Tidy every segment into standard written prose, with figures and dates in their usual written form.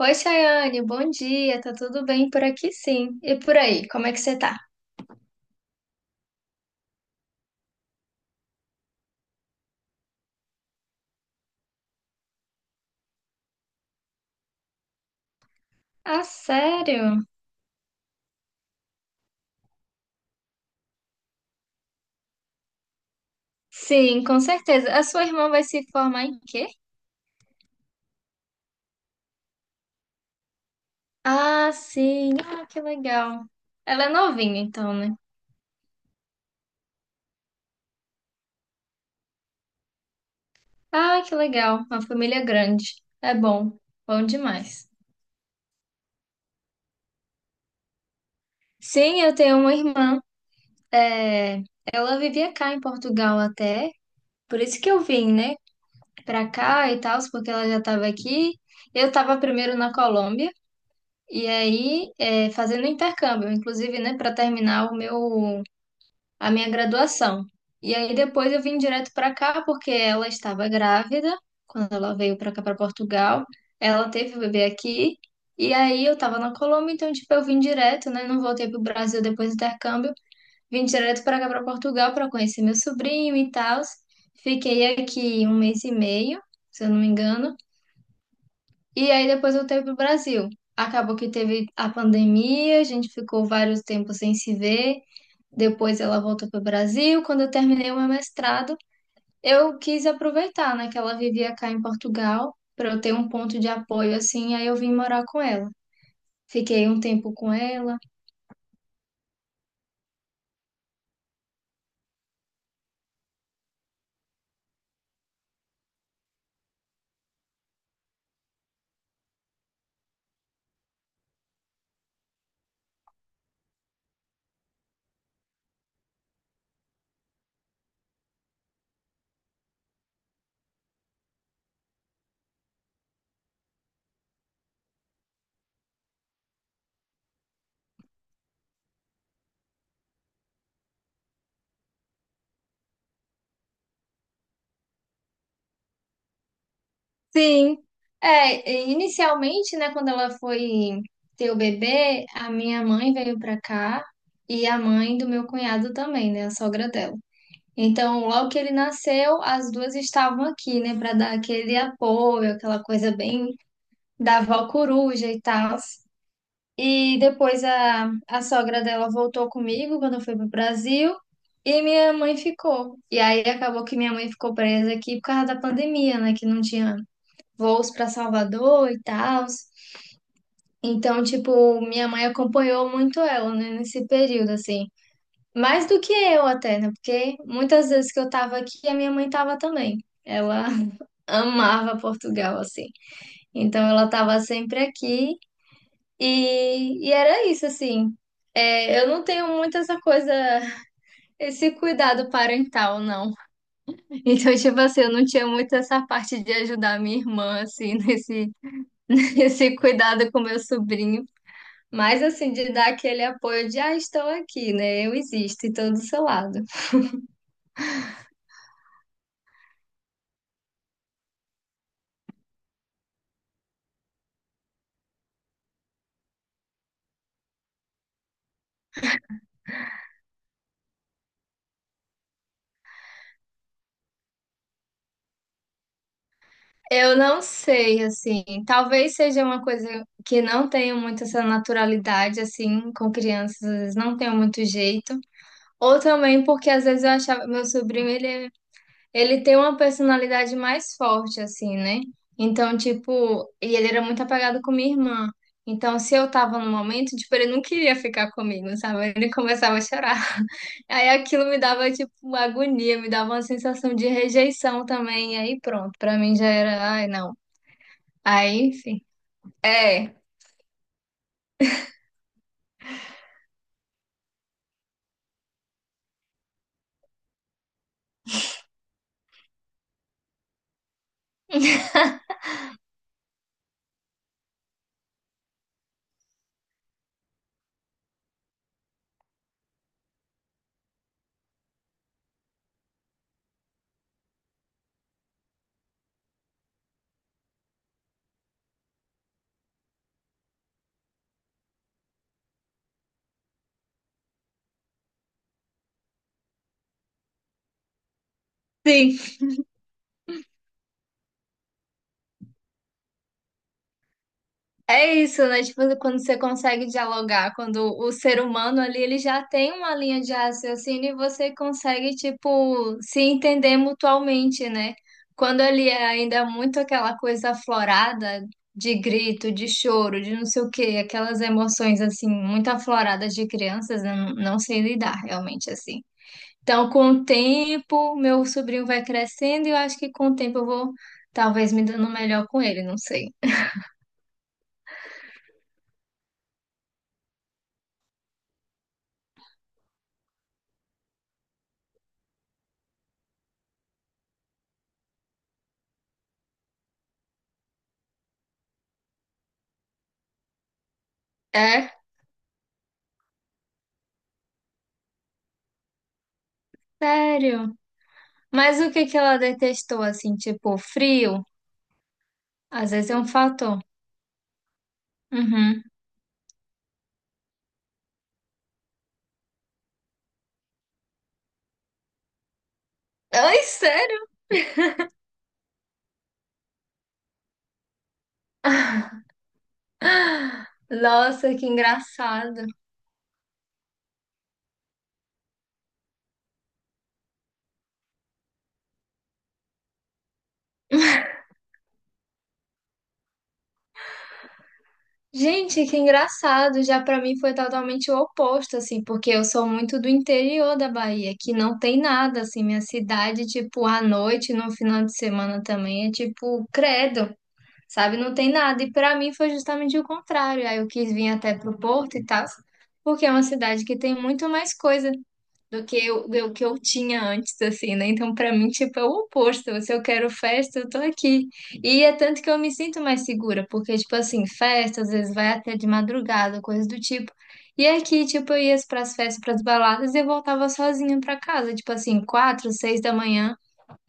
Oi, Chayane, bom dia. Tá tudo bem por aqui, sim. E por aí, como é que você tá? Ah, sério? Sim, com certeza. A sua irmã vai se formar em quê? Ah, sim. Ah, que legal. Ela é novinha, então, né? Ah, que legal. Uma família grande. É bom. Bom demais. Sim, eu tenho uma irmã. É, ela vivia cá em Portugal até. Por isso que eu vim, né? Pra cá e tal, porque ela já tava aqui. Eu tava primeiro na Colômbia. E aí, é, fazendo intercâmbio, inclusive, né, para terminar o meu, a minha graduação. E aí depois eu vim direto para cá porque ela estava grávida quando ela veio para cá para Portugal. Ela teve o bebê aqui. E aí eu estava na Colômbia, então tipo eu vim direto, né, não voltei para o Brasil depois do intercâmbio, vim direto para cá para Portugal para conhecer meu sobrinho e tal. Fiquei aqui um mês e meio, se eu não me engano. E aí depois voltei pro Brasil. Acabou que teve a pandemia, a gente ficou vários tempos sem se ver. Depois ela voltou pro Brasil. Quando eu terminei o meu mestrado, eu quis aproveitar, né, que ela vivia cá em Portugal, para eu ter um ponto de apoio assim, aí eu vim morar com ela. Fiquei um tempo com ela. Sim. É, e inicialmente, né, quando ela foi ter o bebê, a minha mãe veio pra cá e a mãe do meu cunhado também, né, a sogra dela. Então, logo que ele nasceu, as duas estavam aqui, né, para dar aquele apoio, aquela coisa bem da avó coruja e tal. E depois a sogra dela voltou comigo quando eu fui pro Brasil e minha mãe ficou. E aí acabou que minha mãe ficou presa aqui por causa da pandemia, né, que não tinha voos para Salvador e tal. Então, tipo, minha mãe acompanhou muito ela, né, nesse período, assim. Mais do que eu até, né? Porque muitas vezes que eu tava aqui, a minha mãe tava também. Ela amava Portugal, assim. Então ela tava sempre aqui e era isso, assim. É, eu não tenho muito essa coisa, esse cuidado parental, não. Então, tipo assim, eu não tinha muito essa parte de ajudar minha irmã, assim, nesse, nesse cuidado com meu sobrinho. Mas, assim, de dar aquele apoio de, ah, estou aqui, né? Eu existo e estou do seu lado. Eu não sei, assim, talvez seja uma coisa que não tenho muito essa naturalidade, assim, com crianças, às vezes não tenho muito jeito. Ou também porque às vezes eu achava, meu sobrinho, ele tem uma personalidade mais forte, assim, né? Então, tipo, e ele era muito apegado com minha irmã. Então, se eu tava no momento, tipo, ele não queria ficar comigo, sabe? Ele começava a chorar. Aí aquilo me dava, tipo, uma agonia, me dava uma sensação de rejeição também. E aí pronto, pra mim já era, ai, não. Aí, enfim. É, sim. É isso, né? Tipo, quando você consegue dialogar, quando o ser humano ali, ele já tem uma linha de raciocínio e você consegue, tipo, se entender mutualmente, né? Quando ali é ainda muito aquela coisa aflorada de grito, de choro, de não sei o quê, aquelas emoções, assim, muito afloradas de crianças, eu não sei lidar realmente, assim. Então, com o tempo, meu sobrinho vai crescendo e eu acho que com o tempo eu vou talvez me dando melhor com ele, não sei. É? Sério? Mas o que que ela detestou, assim, tipo, frio? Às vezes é um fator. Uhum. Ai, sério? Nossa, que engraçado. Gente, que engraçado. Já pra mim foi totalmente o oposto, assim, porque eu sou muito do interior da Bahia, que não tem nada, assim, minha cidade, tipo, à noite, no final de semana também, é tipo, credo. Sabe? Não tem nada. E para mim foi justamente o contrário. Aí eu quis vir até pro Porto e tal, porque é uma cidade que tem muito mais coisa do que eu tinha antes, assim, né? Então, para mim, tipo, é o oposto. Se eu quero festa, eu tô aqui. E é tanto que eu me sinto mais segura, porque, tipo assim, festa às vezes vai até de madrugada, coisas do tipo. E aqui, tipo, eu ia pras festas, pras baladas e eu voltava sozinha pra casa, tipo assim, quatro, seis da manhã.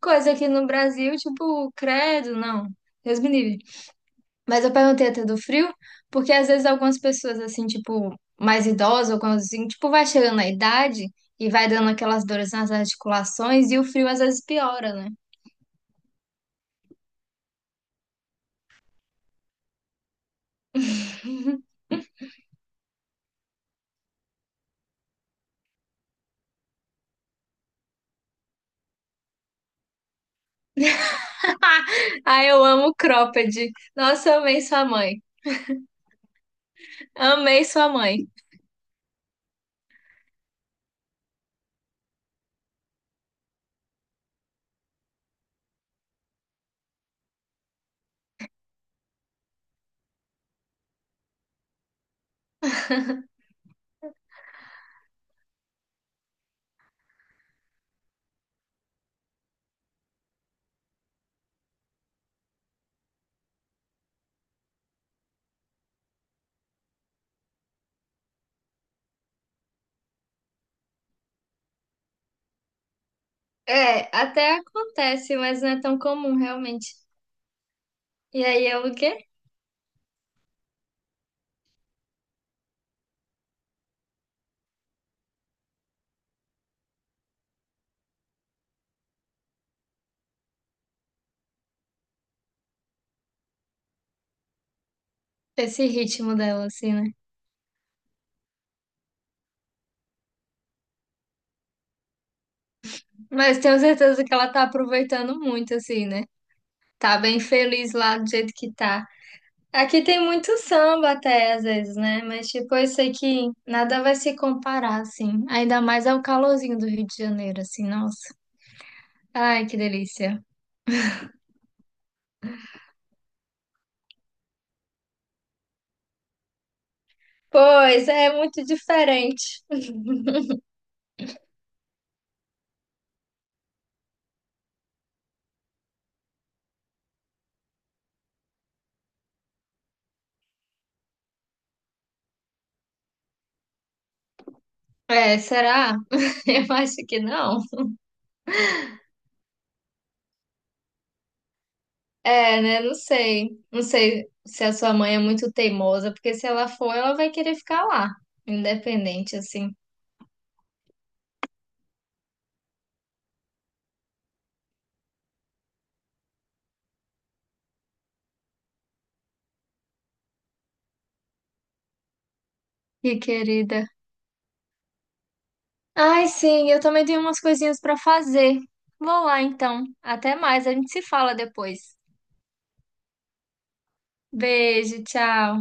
Coisa que no Brasil, tipo, credo, não. Deus me livre. Mas eu perguntei até do frio, porque às vezes algumas pessoas, assim, tipo, mais idosas ou quando, assim, tipo, vai chegando na idade e vai dando aquelas dores nas articulações e o frio às vezes piora, né? Ah, eu amo cropped. Nossa, eu amei sua mãe. Amei sua mãe. É, até acontece, mas não é tão comum, realmente. E aí é o quê? Esse ritmo dela, assim, né? Mas tenho certeza que ela tá aproveitando muito, assim, né? Tá bem feliz lá do jeito que tá. Aqui tem muito samba até, às vezes, né? Mas, tipo, eu sei que nada vai se comparar, assim. Ainda mais ao calorzinho do Rio de Janeiro, assim, nossa. Ai, que delícia. Pois, é muito diferente. É, será? Eu acho que não. É, né? Não sei. Não sei se a sua mãe é muito teimosa, porque se ela for, ela vai querer ficar lá, independente, assim. Que querida. Ai, sim, eu também tenho umas coisinhas para fazer. Vou lá então. Até mais, a gente se fala depois. Beijo, tchau.